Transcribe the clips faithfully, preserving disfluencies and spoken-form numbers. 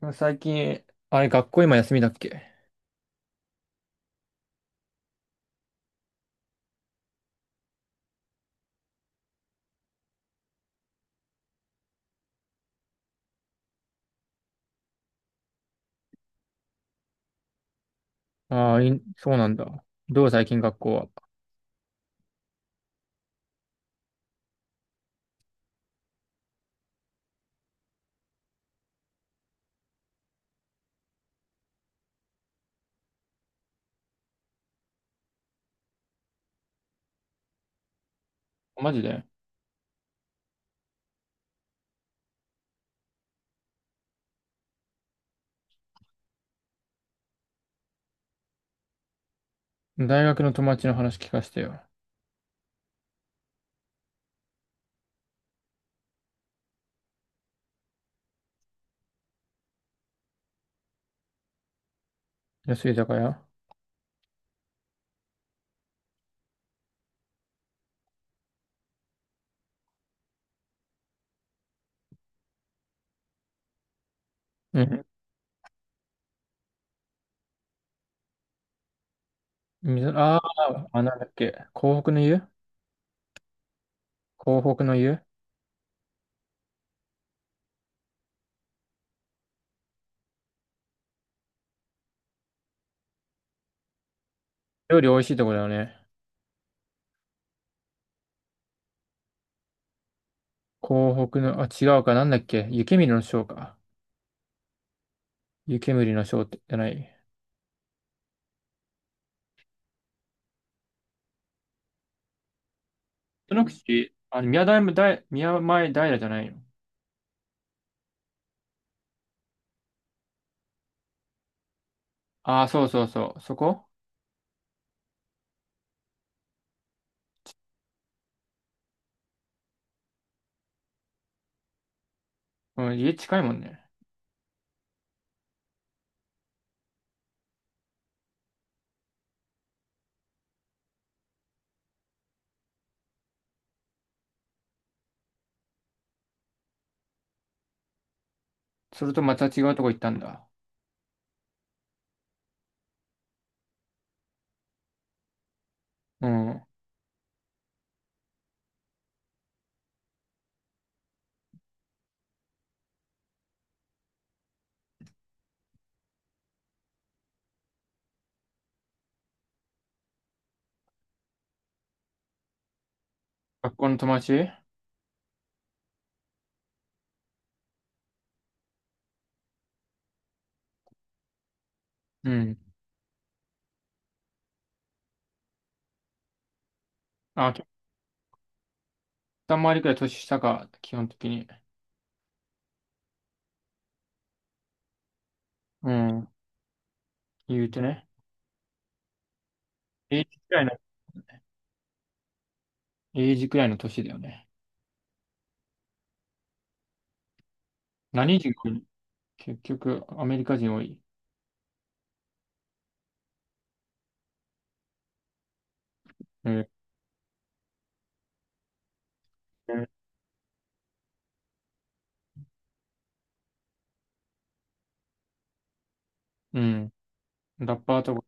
でも最近、あれ、学校今休みだっけ。ああー、いそうなんだ。どう最近学校は。マジで。大学の友達の話聞かせてよ。安い居酒屋。うん。みぞ、ああ、あ、なんだっけ。港北の湯。港北の湯。料理美味しいとこだよね。港北の、あ、違うか。なんだっけ。湯煙の章か。湯煙の章ってじゃない。その口、あの、宮台大、宮前平じゃないの。ああ、そうそうそう。そこ。うん、家近いもんね。それとまた違うとこ行ったんだ。うん。学校の友達。うん。あ、結構さんまりくらい年下か、基本的に。うん。言うてね。エイジくらいの、エイジくらいの年だよね。何人かに結局、アメリカ人多い。えー。うん。ラッパーとか。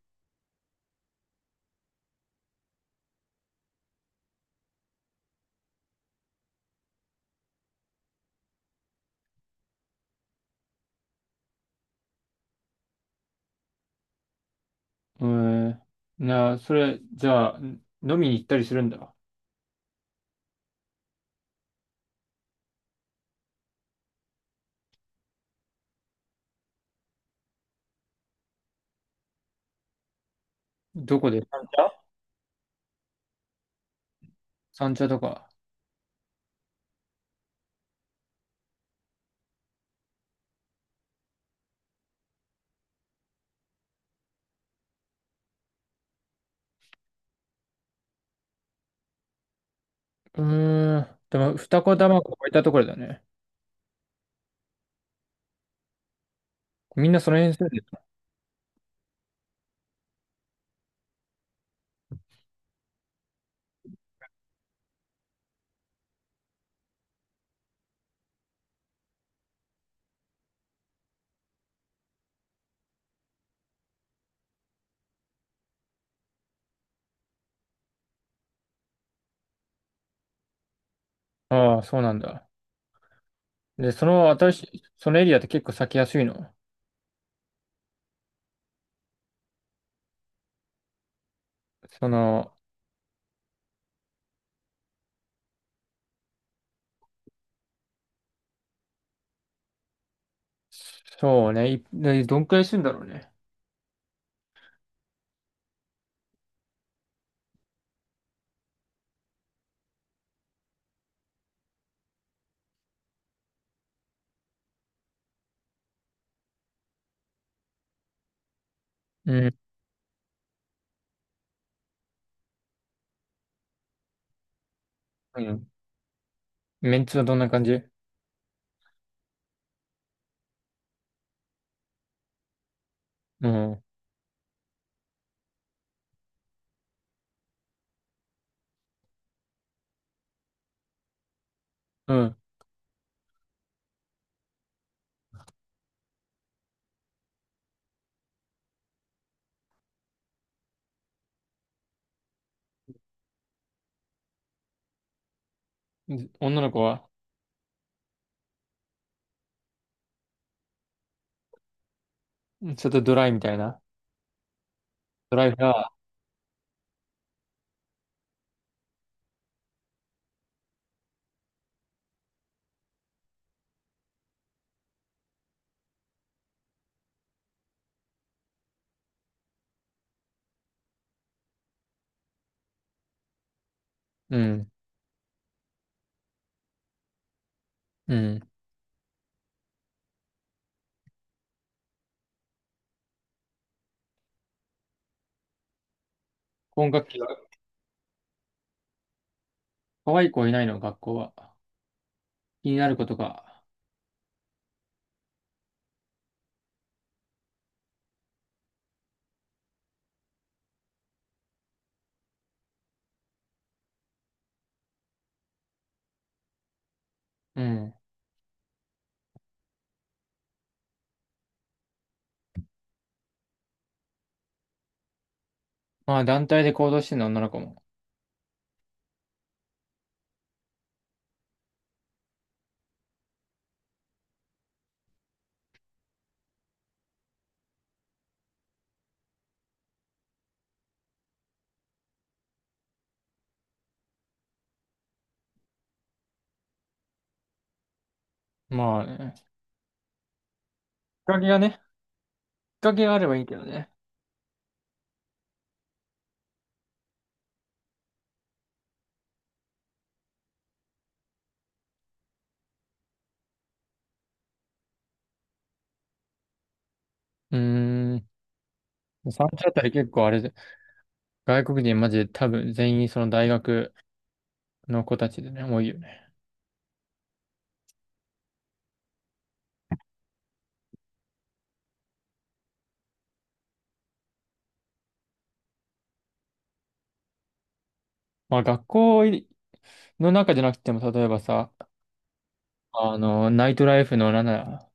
えー、なあ、それ、じゃあ、飲みに行ったりするんだ。どこで三茶。三茶とか。うーん。でも、二子玉子置いたところだよね。みんなその辺住んでるの。ああ、そうなんだ。で、その新しい、そのエリアって結構咲きやすいの。その、そうね。いでどんくらいするんだろうね。うん。うん。メンツはどんな感じ。うん。うん。女の子は、ちょっとドライみたいな。ドライフラワー。うん。うん。今学期は、可愛い子いないの、学校は。気になることが。うん。まあ、団体で行動してるの、女の子も。まあね。きっかけがね、きっかけがあればいいけどね。うーん。産地あたり結構あれで、外国人マジで多分全員その大学の子たちでね、多いよね。まあ学校の中じゃなくても、例えばさ、あの、ナイトライフのなんなら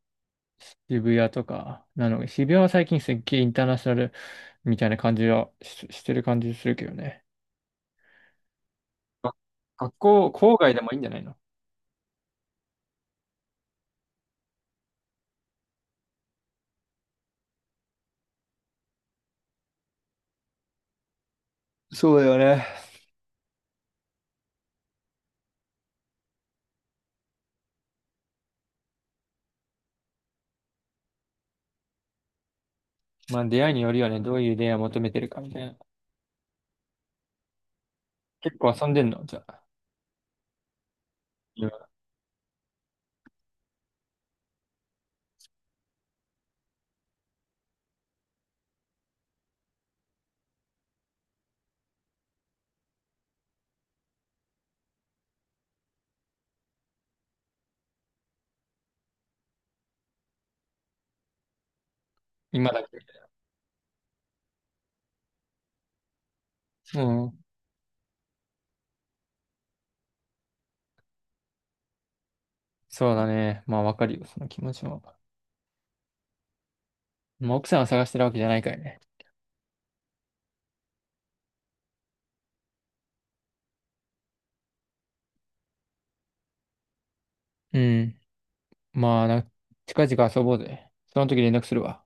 渋谷とか、なの、渋谷は最近すっげえインターナショナルみたいな感じはし、してる感じするけどね。あ、学校、郊外でもいいんじゃないの。そうだよね。まあ出会いによるよね、どういう出会いを求めてるかみたいな。結構遊んでんのじゃあ。今今だけ。うん。そうだね。まあわかるよ、その気持ちも。まあ奥さんを探してるわけじゃないからね。うん。まあな、近々遊ぼうぜ。その時連絡するわ。